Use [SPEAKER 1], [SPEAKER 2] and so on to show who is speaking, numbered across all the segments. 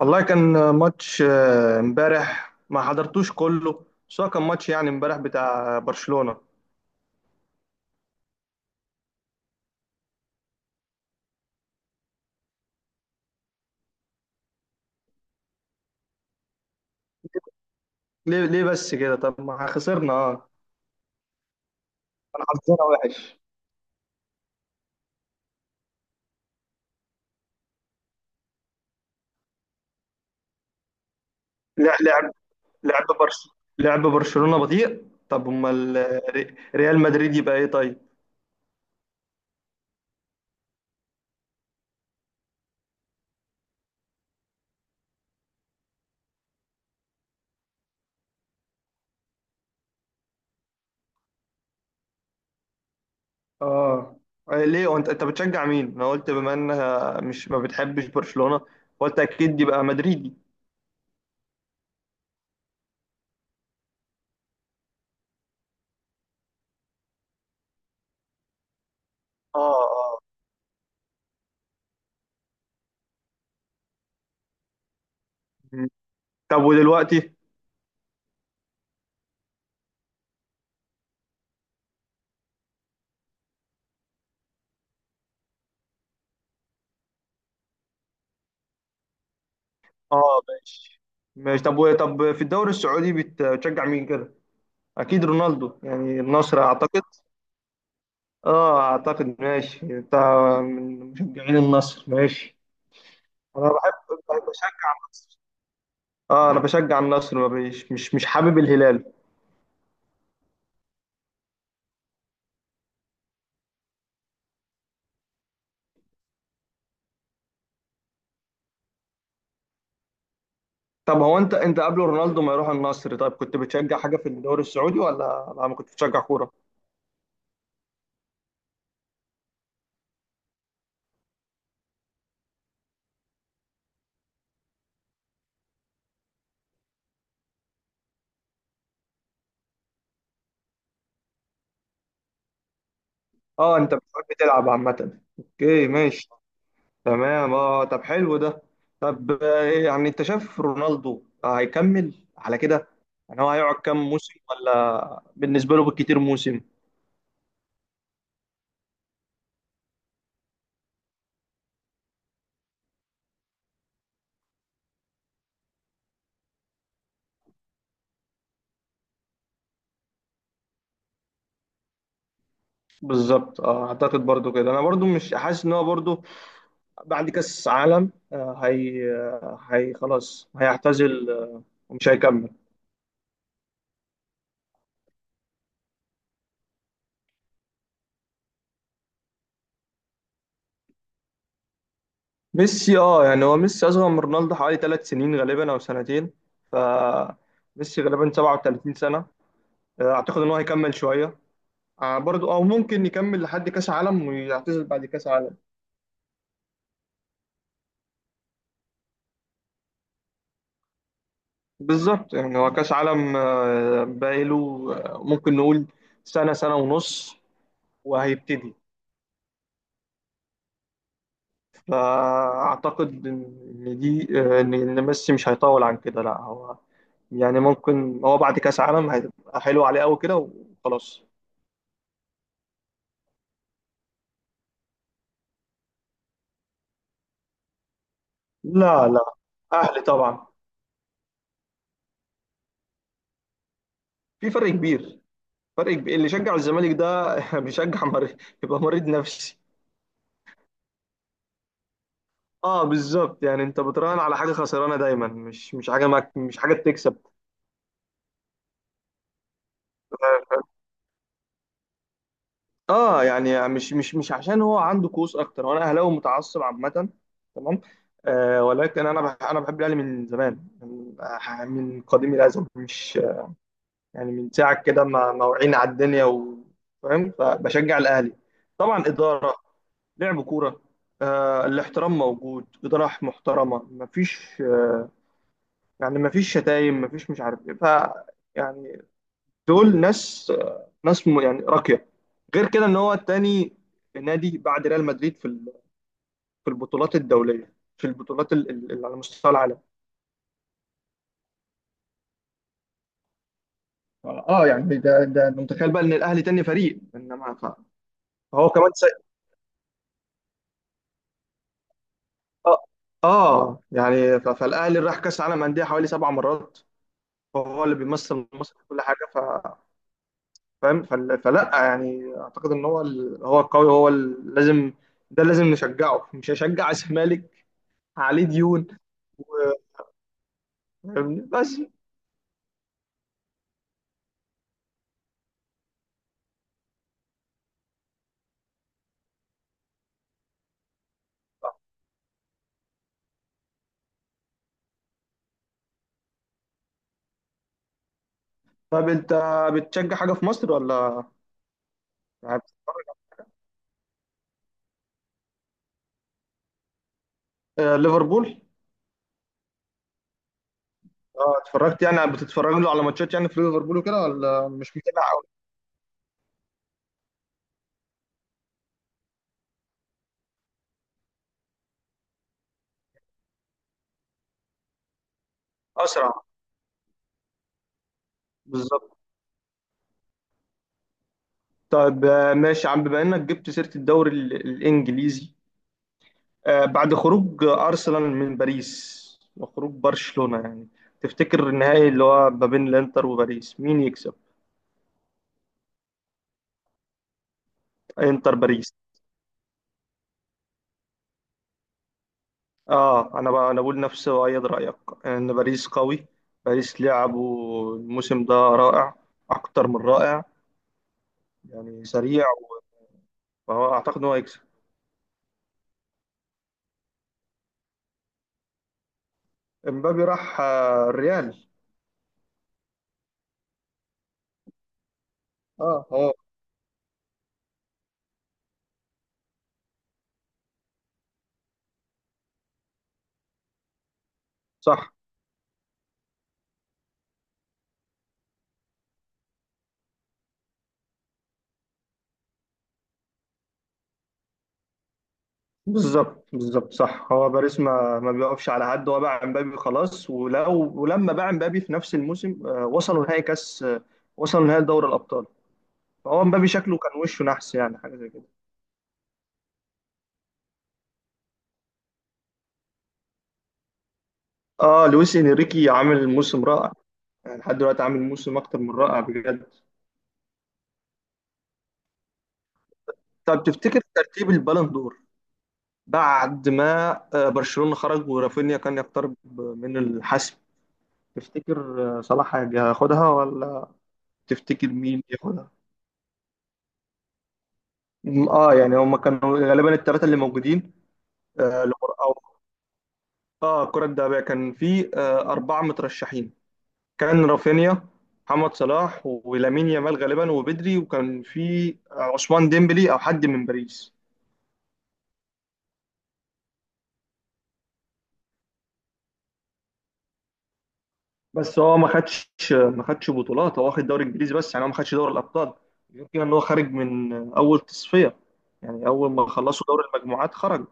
[SPEAKER 1] والله كان ماتش امبارح ما حضرتوش كله، بس هو كان ماتش، يعني امبارح، بتاع برشلونة. ليه بس كده؟ طب ما خسرنا اه كان حظنا وحش. لا، لعب برش لعب برشلونة بطيء. طب امال، ريال مدريد يبقى ايه طيب؟ اه ليه؟ وانت بتشجع مين؟ انا قلت بما انها مش ما بتحبش برشلونة، قلت اكيد يبقى مدريدي. اه اه، طب ودلوقتي؟ اه، ماشي ماشي. طب طب، في الدوري السعودي بتشجع مين كده؟ اكيد رونالدو، يعني النصر اعتقد. اه اعتقد، ماشي انت من مشجعين النصر، ماشي. انا بحب بحب بشجع النصر. اه انا بشجع النصر، ما بيش مش حابب الهلال. طب هو، انت قبل رونالدو ما يروح النصر، طيب كنت بتشجع حاجه في الدوري السعودي، ولا ما كنت بتشجع كوره؟ اه، انت بتحب تلعب عامه، اوكي ماشي. تمام، اه طب حلو ده. طب إيه يعني انت شايف رونالدو هيكمل على كده؟ يعني هو هيقعد كام موسم، ولا بالنسبه له بالكتير موسم؟ بالظبط اه، اعتقد برضو كده، انا برضو مش حاسس ان هو برضو بعد كاس عالم، هي خلاص هيعتزل ومش هيكمل. ميسي يعني هو ميسي اصغر من رونالدو حوالي 3 سنين غالبا، او سنتين. ف ميسي غالبا 37 سنه. اعتقد ان هو هيكمل شويه، برضو. او ممكن يكمل لحد كاس عالم ويعتزل بعد كاس عالم. بالظبط، يعني هو كاس عالم باقيله ممكن نقول سنة سنة ونص وهيبتدي. فاعتقد ان دي، آه، ان إن ميسي مش هيطول عن كده. لا هو، يعني ممكن هو بعد كاس عالم هيبقى حلو عليه قوي كده وخلاص. لا لا، اهلي طبعا. في فرق كبير. فرق كبير، اللي شجع الزمالك ده بيشجع مريض. يبقى مريض نفسي. اه بالظبط، يعني انت بتراهن على حاجه خسرانه دايما، مش حاجه مش حاجه بتكسب. اه يعني مش عشان هو عنده كؤوس اكتر، وانا اهلاوي متعصب عامه. تمام. آه ولكن انا انا بحب الاهلي من زمان، من قديم الازل. مش يعني، من ساعه كده ما وعينا على الدنيا. فاهم، فبشجع الاهلي طبعا، اداره، لعب كوره، آه الاحترام موجود، اداره محترمه، مفيش يعني مفيش شتايم، مفيش مش عارف ايه. يعني، دول ناس، يعني راقيه. غير كده ان هو التاني نادي بعد ريال مدريد في في البطولات الدوليه، في البطولات اللي على مستوى العالم. اه يعني ده أنت متخيل بقى ان الاهلي تاني فريق. انما فهو كمان اه اه، يعني فالاهلي راح كاس عالم انديه حوالي 7 مرات، فهو اللي بيمثل مصر في كل حاجه. فاهم، فلا، يعني اعتقد ان هو هو القوي، هو لازم. ده لازم نشجعه، مش هشجع الزمالك، عليه ديون. فاهمني بس. طب انت بتشجع حاجه في مصر ولا؟ يعني بتتفرج؟ آه ليفربول. اه اتفرجت، يعني بتتفرج له على ماتشات يعني في ليفربول وكده، ولا مش متابع أوي؟ اسرع. بالظبط. طيب ماشي يا عم، بما انك جبت سيره الدوري الانجليزي، آه بعد خروج ارسنال من باريس، وخروج برشلونه، يعني تفتكر النهائي اللي هو ما بين الانتر وباريس مين يكسب؟ انتر باريس. اه، انا بقول نفس ايد رايك، ان باريس قوي. باريس لعبه الموسم ده رائع، اكتر من رائع، يعني سريع. فهو اعتقد ان هو هيكسب. امبابي راح الريال. اه هو صح. بالظبط بالظبط صح، هو باريس ما بيقفش على حد. هو باع امبابي خلاص، ولما باع امبابي في نفس الموسم، وصلوا نهائي دوري الابطال. فهو امبابي شكله كان وشه نحس، يعني حاجه زي كده. اه لويس انريكي عامل موسم رائع، يعني لحد دلوقتي عامل موسم اكتر من رائع بجد. طب تفتكر ترتيب البالون دور، بعد ما برشلونة خرج ورافينيا كان يقترب من الحسم، تفتكر صلاح هياخدها، ولا تفتكر مين ياخدها؟ اه يعني هما كانوا غالبا الثلاثة اللي موجودين. آه لكرة- او اه الكرة الذهبية كان في أربعة مترشحين، كان رافينيا، محمد صلاح، ولامين يامال غالبا وبدري، وكان في عثمان ديمبلي او حد من باريس. بس هو ما خدش بطولات، هو واخد دوري انجليزي بس، يعني هو ما خدش دوري الابطال. غير كده ان هو خارج من اول تصفيه، يعني اول ما خلصوا دوري المجموعات خرج.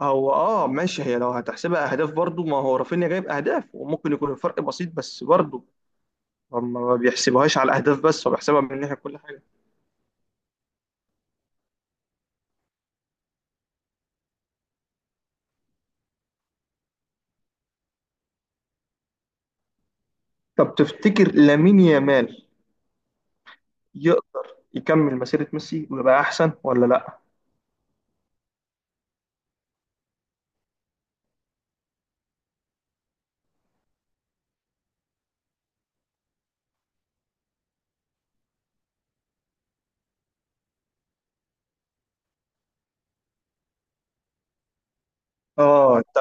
[SPEAKER 1] هو اه ماشي. هي لو هتحسبها اهداف برضو، ما هو رافينيا جايب اهداف، وممكن يكون الفرق بسيط، بس برضو هم ما بيحسبوهاش على الاهداف بس، هو بيحسبها من ناحيه كل حاجه. طب تفتكر لامين يامال يقدر يكمل مسيره ميسي ويبقى احسن، ولا لا؟ اه انت،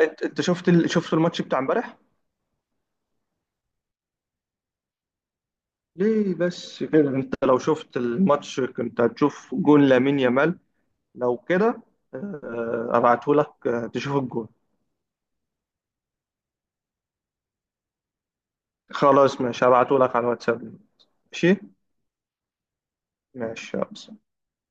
[SPEAKER 1] انت شفت شفت الماتش بتاع امبارح؟ ليه بس كده؟ انت لو شفت الماتش كنت هتشوف جون لامين يامال. لو كده ابعته لك تشوف الجون. خلاص ماشي، هبعته لك على الواتساب. ماشي. ماشي يلا.